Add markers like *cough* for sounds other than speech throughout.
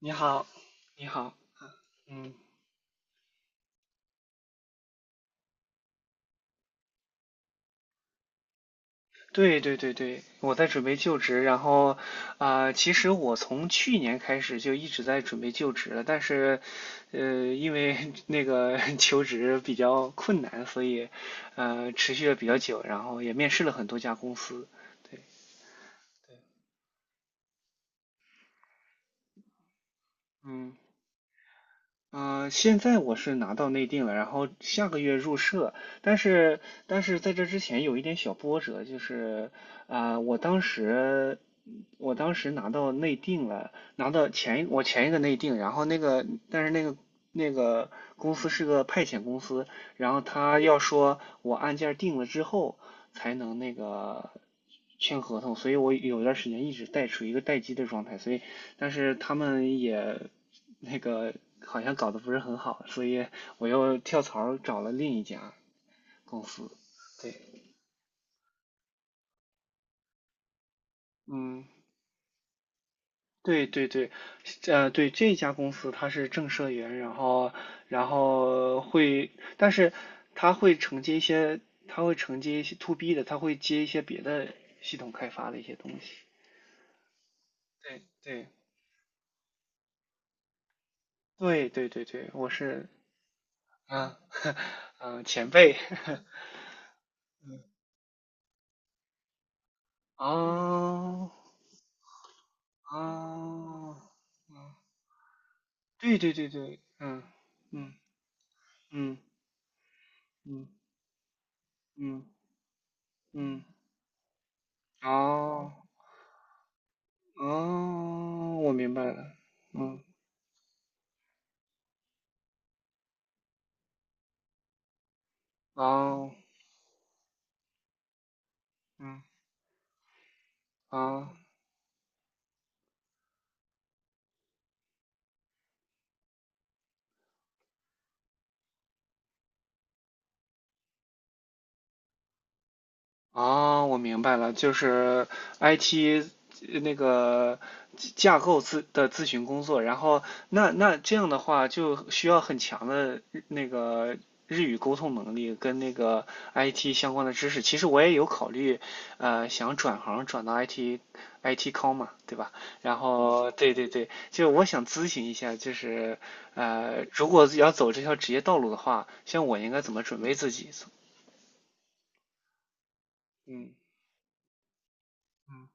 你好，你好。嗯，对，我在准备就职，然后其实我从去年开始就一直在准备就职了，但是因为 *laughs* 那个 *laughs* 求职比较困难，所以持续了比较久，然后也面试了很多家公司。对，嗯。啊，现在我是拿到内定了，然后下个月入社，但是在这之前有一点小波折，就是啊、我当时我当时拿到内定了，拿到前一我前一个内定，然后那个但是那个那个公司是个派遣公司，然后他要说我案件定了之后才能签合同，所以我有段时间一直处于一个待机的状态，所以但是他们也那个好像搞得不是很好，所以我又跳槽找了另一家公司。对，嗯，对，对这家公司它是正社员，然后然后会，但是它会承接一些，它会承接一些 to B 的，它会接一些别的系统开发的一些东西。对对对对，我是啊，*laughs* 前辈。*laughs* 哦哦哦。对，嗯嗯嗯嗯嗯，哦哦，我明白了。嗯。哦。嗯。哦。啊，我明白了，就是 IT 呃那个架构咨询工作，然后那这样的话就需要很强的日语沟通能力跟那个 IT 相关的知识。其实我也有考虑，想转到 IT com 嘛，对吧？然后对，就我想咨询一下，就是如果要走这条职业道路的话，像我应该怎么准备自己？嗯。嗯。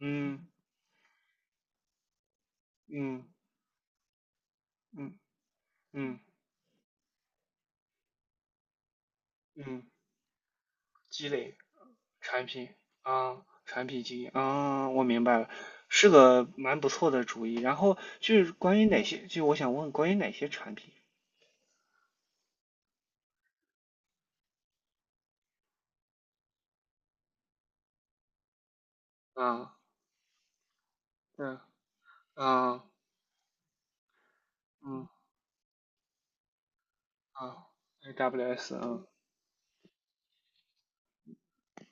嗯嗯嗯嗯嗯，积累产品啊，产品经验啊，我明白了，是个蛮不错的主意。然后就是关于哪些，就我想问关于哪些产品啊？嗯啊嗯啊，AWS 啊，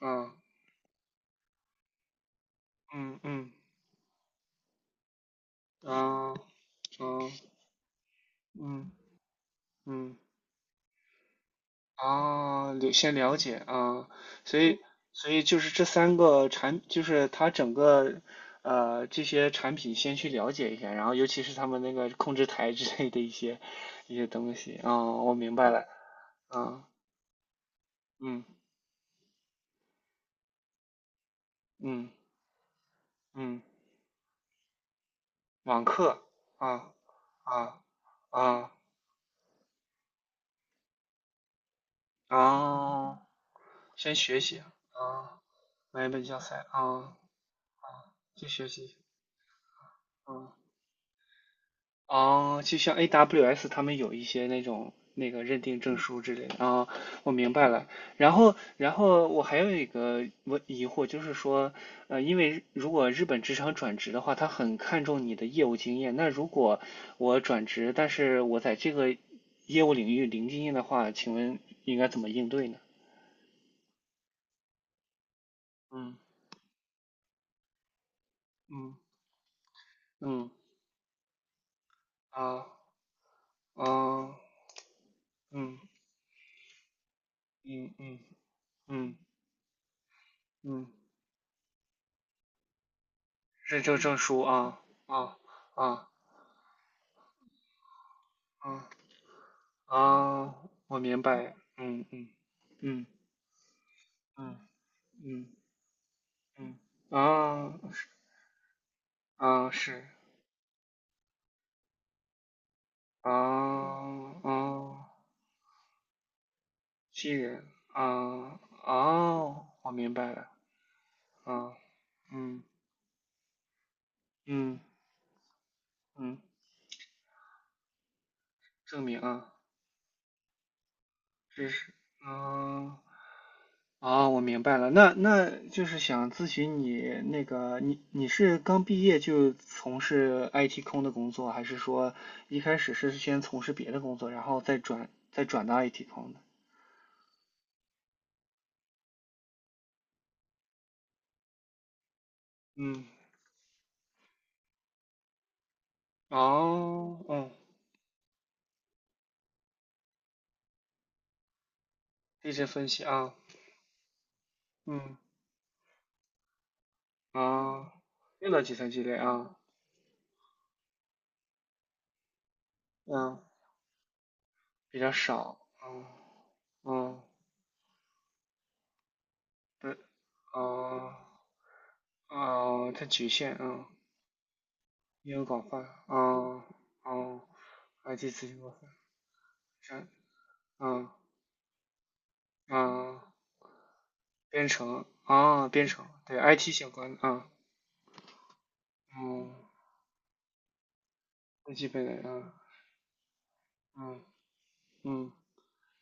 啊嗯嗯啊啊嗯嗯。啊，先了解啊，所以所以就是这三个产，就是它整个这些产品先去了解一下，然后尤其是他们那个控制台之类的一些东西啊，我明白了。啊，嗯。嗯嗯，网课啊。啊啊啊，先学习啊，买一本教材啊。去学习，啊。哦，就像 AWS 他们有一些那种那个认定证书之类的啊，我明白了。然后我还有一个疑惑，就是说，因为如果日本职场转职的话，他很看重你的业务经验。那如果我转职，但是我在这个业务领域零经验的话，请问应该怎么应对呢？嗯嗯嗯，啊啊嗯嗯嗯嗯嗯，认证证书啊。啊啊啊。嗯啊，我明白，嗯嗯嗯嗯，啊是啊，啊，西人啊，啊，我明白了，啊嗯嗯嗯，证明啊，知识啊。哦，我明白了，那就是想咨询你那个，你是刚毕业就从事 IT 空的工作，还是说一开始是先从事别的工作，然后再转到 IT 空的？嗯。哦。嗯。地质分析啊。嗯。啊，用到计算机类啊。嗯，比较少。嗯。嗯。对。哦。哦，它局限，嗯，应用广泛。嗯。哦，IT 咨询广泛，是。嗯。啊，编程啊，编程，对，IT 相关的啊。嗯，最基本的啊。嗯嗯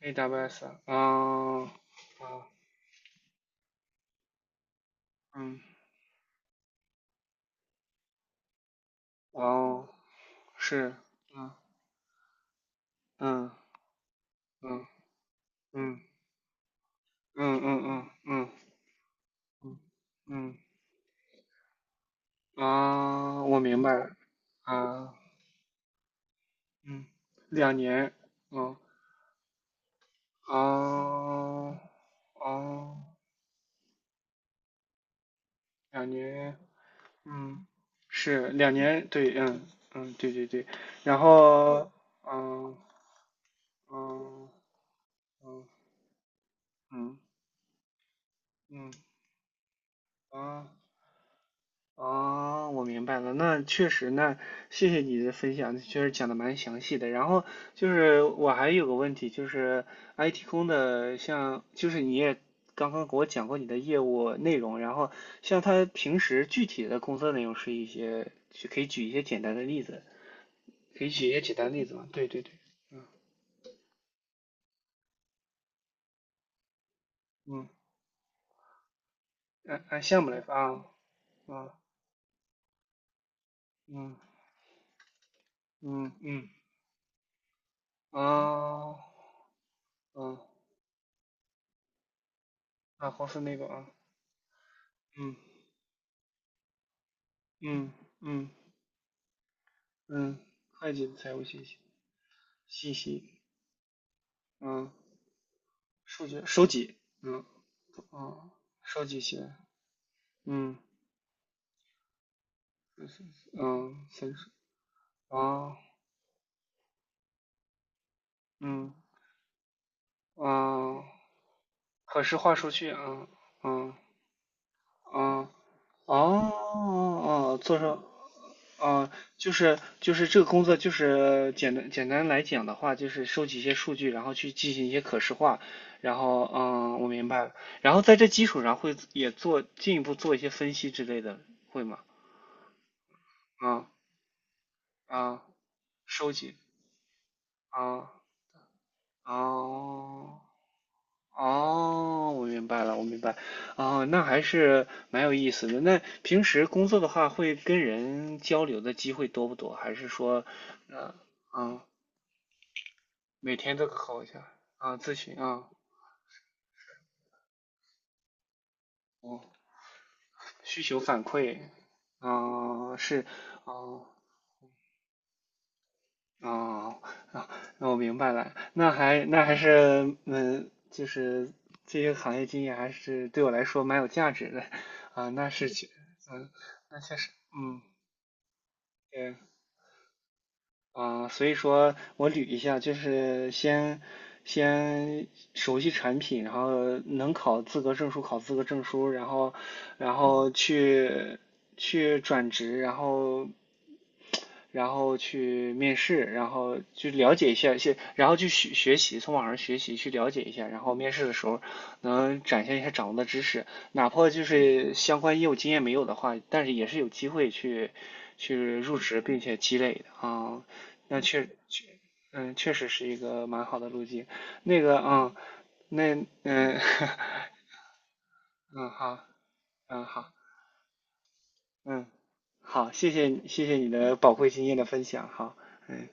，AWS 啊。啊嗯，哦，是。嗯嗯嗯嗯嗯嗯嗯嗯嗯嗯啊，我明白了啊。嗯，两年。嗯啊哦，两年。嗯，是两年，对。嗯。嗯，对，然后，嗯嗯嗯嗯嗯啊，啊，我明白了，那确实，那谢谢你的分享，确实讲的蛮详细的。然后就是我还有个问题，就是 IT 空的像，就是你也刚刚给我讲过你的业务内容，然后像他平时具体的工作内容是一些，可以举一些简单的例子，可以举一些简单的例子吗？对。嗯。按按项目来发啊。啊。嗯嗯嗯，啊。嗯。啊，公司那个啊。嗯嗯嗯嗯，会计财务信息，信息。嗯，数据收集。嗯嗯，收集起来。嗯。嗯，分数啊。嗯啊，可视化数据啊。嗯啊，哦哦哦，啊做成。嗯，就是这个工作，简单来讲的话，就是收集一些数据，然后去进行一些可视化，然后嗯，我明白了。然后在这基础上会也做进一步做一些分析之类的，会吗？啊啊，收集啊。啊哦，我明白了，我明白。哦，那还是蛮有意思的。那平时工作的话，会跟人交流的机会多不多？还是说，呃，嗯每天都考一下啊，咨询啊。哦，需求反馈。啊是。哦、哦、啊，那我明白了，那还是嗯，就是这些行业经验还是对我来说蛮有价值的。啊，那是确。嗯，那确实。嗯。对。啊，所以说我捋一下，就是先熟悉产品，然后能考资格证书，然后去转职，然后去面试，然后去了解一下，先然后去学习，从网上学习去了解一下，然后面试的时候能展现一下掌握的知识，哪怕就是相关业务经验没有的话，但是也是有机会去入职并且积累的啊。那确嗯，确实是一个蛮好的路径。那个，嗯，那，嗯。*laughs* 嗯，好。嗯，好，嗯，好，谢谢你，谢谢你的宝贵经验的分享，好。嗯。